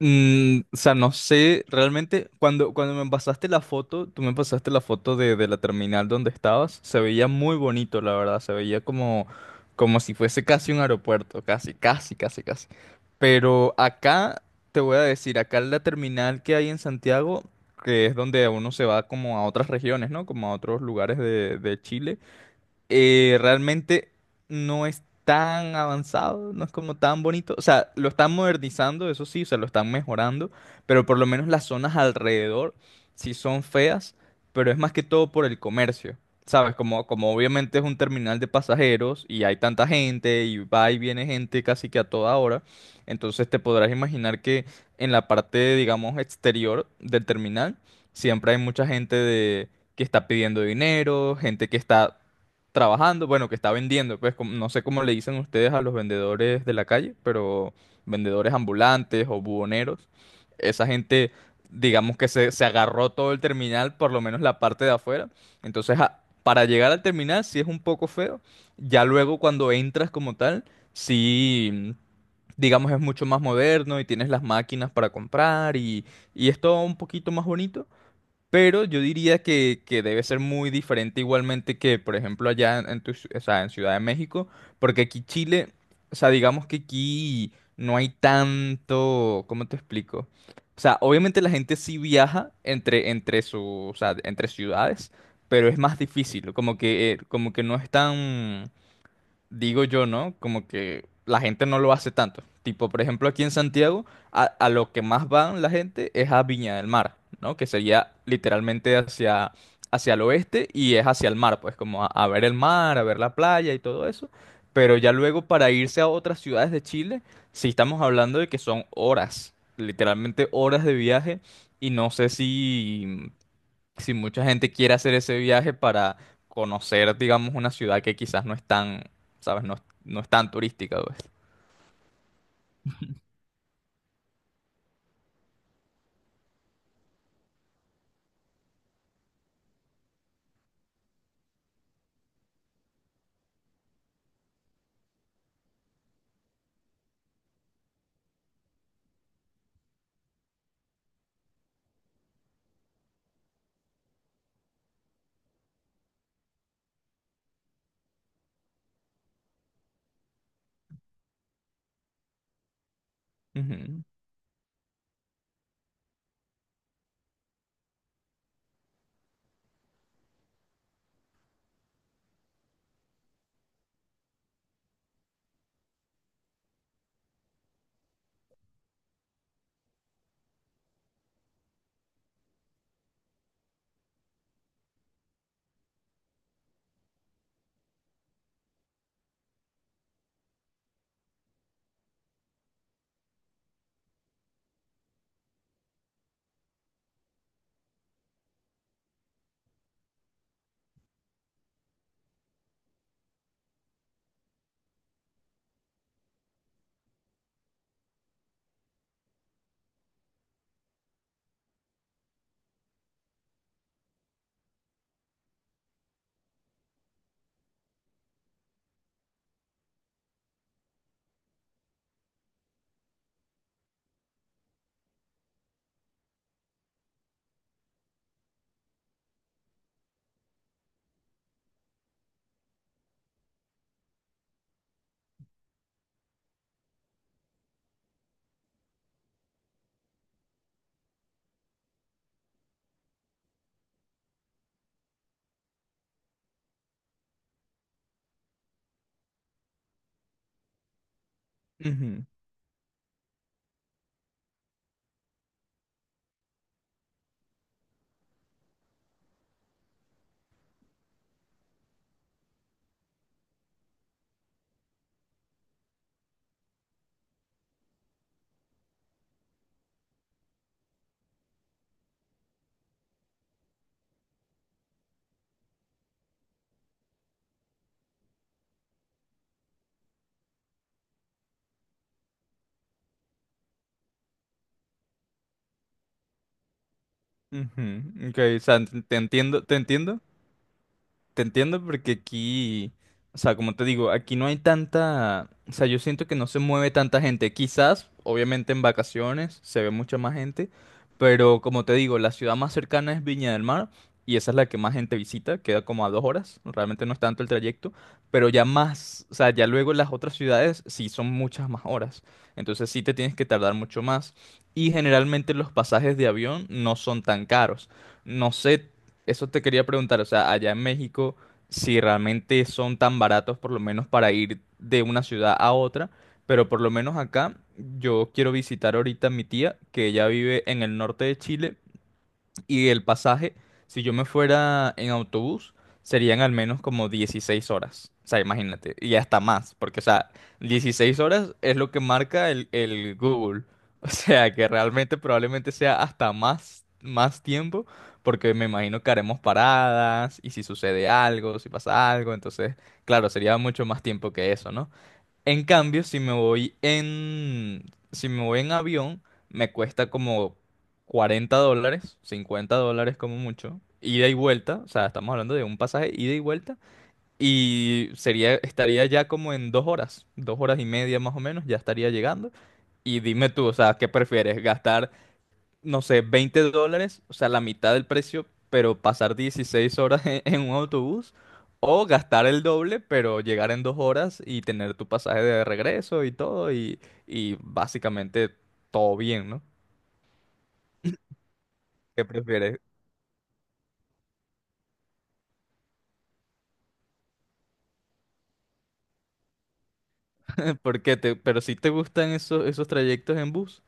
O sea, no sé, realmente cuando me pasaste la foto, tú me pasaste la foto de la terminal donde estabas, se veía muy bonito, la verdad, se veía como si fuese casi un aeropuerto, casi, casi, casi, casi. Pero acá, te voy a decir, acá la terminal que hay en Santiago, que es donde uno se va como a otras regiones, ¿no? Como a otros lugares de Chile. Realmente no es tan avanzado, no es como tan bonito. O sea, lo están modernizando, eso sí, o sea, lo están mejorando, pero por lo menos las zonas alrededor sí son feas, pero es más que todo por el comercio. ¿Sabes? Como obviamente es un terminal de pasajeros y hay tanta gente y va y viene gente casi que a toda hora, entonces te podrás imaginar que en la parte, digamos, exterior del terminal siempre hay mucha gente que está pidiendo dinero, gente que está trabajando, bueno, que está vendiendo, pues no sé cómo le dicen ustedes a los vendedores de la calle, pero vendedores ambulantes o buhoneros, esa gente, digamos que se agarró todo el terminal, por lo menos la parte de afuera, entonces para llegar al terminal sí es un poco feo, ya luego cuando entras como tal, sí, digamos es mucho más moderno y tienes las máquinas para comprar y es todo un poquito más bonito. Pero yo diría que debe ser muy diferente igualmente que, por ejemplo, allá en tu o sea, en Ciudad de México, porque aquí Chile, o sea, digamos que aquí no hay tanto, ¿cómo te explico? O sea, obviamente la gente sí viaja entre o sea, entre ciudades, pero es más difícil, como que no es tan, digo yo, ¿no? Como que la gente no lo hace tanto. Tipo, por ejemplo, aquí en Santiago, a lo que más van la gente es a Viña del Mar, ¿no? Que sería literalmente hacia, hacia el oeste y es hacia el mar, pues como a ver el mar, a ver la playa y todo eso. Pero ya luego para irse a otras ciudades de Chile, sí estamos hablando de que son horas, literalmente horas de viaje. Y no sé si mucha gente quiere hacer ese viaje para conocer, digamos, una ciudad que quizás no es tan, ¿sabes? No, no es tan turística, pues. Ujú, ujú, ujú. Ok, o sea, te entiendo, te entiendo, te entiendo porque aquí, o sea, como te digo, aquí no hay tanta, o sea, yo siento que no se mueve tanta gente. Quizás, obviamente en vacaciones se ve mucha más gente, pero como te digo, la ciudad más cercana es Viña del Mar y esa es la que más gente visita, queda como a 2 horas, realmente no es tanto el trayecto, pero ya más, o sea, ya luego las otras ciudades sí son muchas más horas, entonces sí te tienes que tardar mucho más y generalmente los pasajes de avión no son tan caros. No sé, eso te quería preguntar, o sea, allá en México, si realmente son tan baratos por lo menos para ir de una ciudad a otra, pero por lo menos acá yo quiero visitar ahorita a mi tía, que ella vive en el norte de Chile, y el pasaje, si yo me fuera en autobús, serían al menos como 16 horas. O sea, imagínate, y hasta más, porque, o sea, 16 horas es lo que marca el Google. O sea, que realmente probablemente sea hasta más, más tiempo, porque me imagino que haremos paradas, y si sucede algo, si pasa algo, entonces, claro, sería mucho más tiempo que eso, ¿no? En cambio, si me voy en, avión, me cuesta como $40, $50 como mucho, ida y vuelta, o sea, estamos hablando de un pasaje ida y vuelta, y sería, estaría ya como en 2 horas, 2 horas y media más o menos, ya estaría llegando. Y dime tú, o sea, ¿qué prefieres? ¿Gastar, no sé, $20, o sea, la mitad del precio, pero pasar 16 horas en un autobús, o gastar el doble, pero llegar en 2 horas y tener tu pasaje de regreso y todo, y básicamente todo bien, ¿no? ¿Qué prefieres? ¿Por qué te, pero si te gustan esos, esos trayectos en bus?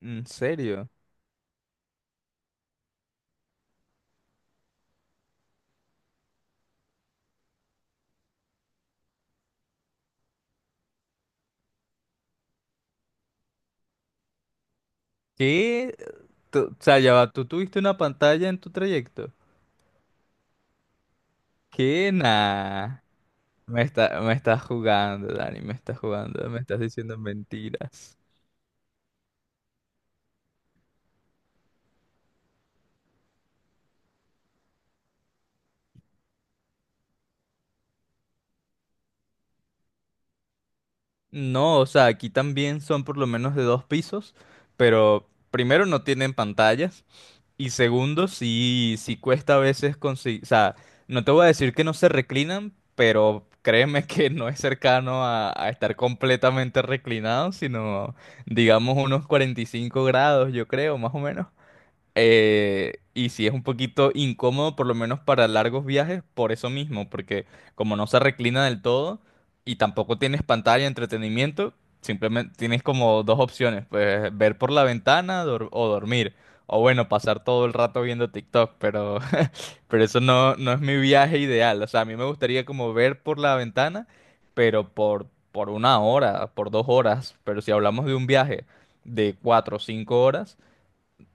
¿En serio? ¿Qué? Tú- o sea, ya va, ¿tú tuviste una pantalla en tu trayecto? ¿Qué? Nah. Me está, me estás jugando, Dani, me estás jugando, me estás diciendo mentiras. No, o sea, aquí también son por lo menos de dos pisos, pero primero no tienen pantallas y segundo sí, sí cuesta a veces conseguir, o sea, no te voy a decir que no se reclinan, pero créeme que no es cercano a estar completamente reclinado, sino digamos unos 45 grados, yo creo, más o menos. Y sí es un poquito incómodo, por lo menos para largos viajes, por eso mismo, porque como no se reclina del todo y tampoco tienes pantalla, entretenimiento, simplemente tienes como dos opciones, pues ver por la ventana o dormir, o bueno, pasar todo el rato viendo TikTok, pero, pero eso no es mi viaje ideal, o sea, a mí me gustaría como ver por la ventana, pero por 1 hora, por 2 horas, pero si hablamos de un viaje de 4 o 5 horas.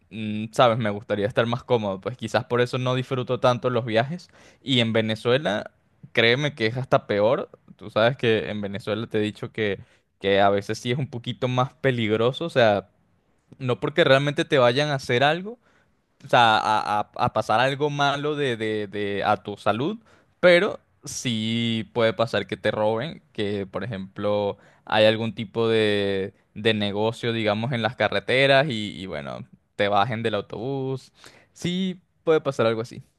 Sabes, me gustaría estar más cómodo, pues quizás por eso no disfruto tanto los viajes. Y en Venezuela, créeme que es hasta peor. Tú sabes que en Venezuela te he dicho que a veces sí es un poquito más peligroso, o sea, no porque realmente te vayan a hacer algo, o sea, a pasar algo malo a tu salud, pero sí puede pasar que te roben, que por ejemplo hay algún tipo de negocio, digamos, en las carreteras bueno, te bajen del autobús. Sí puede pasar algo así.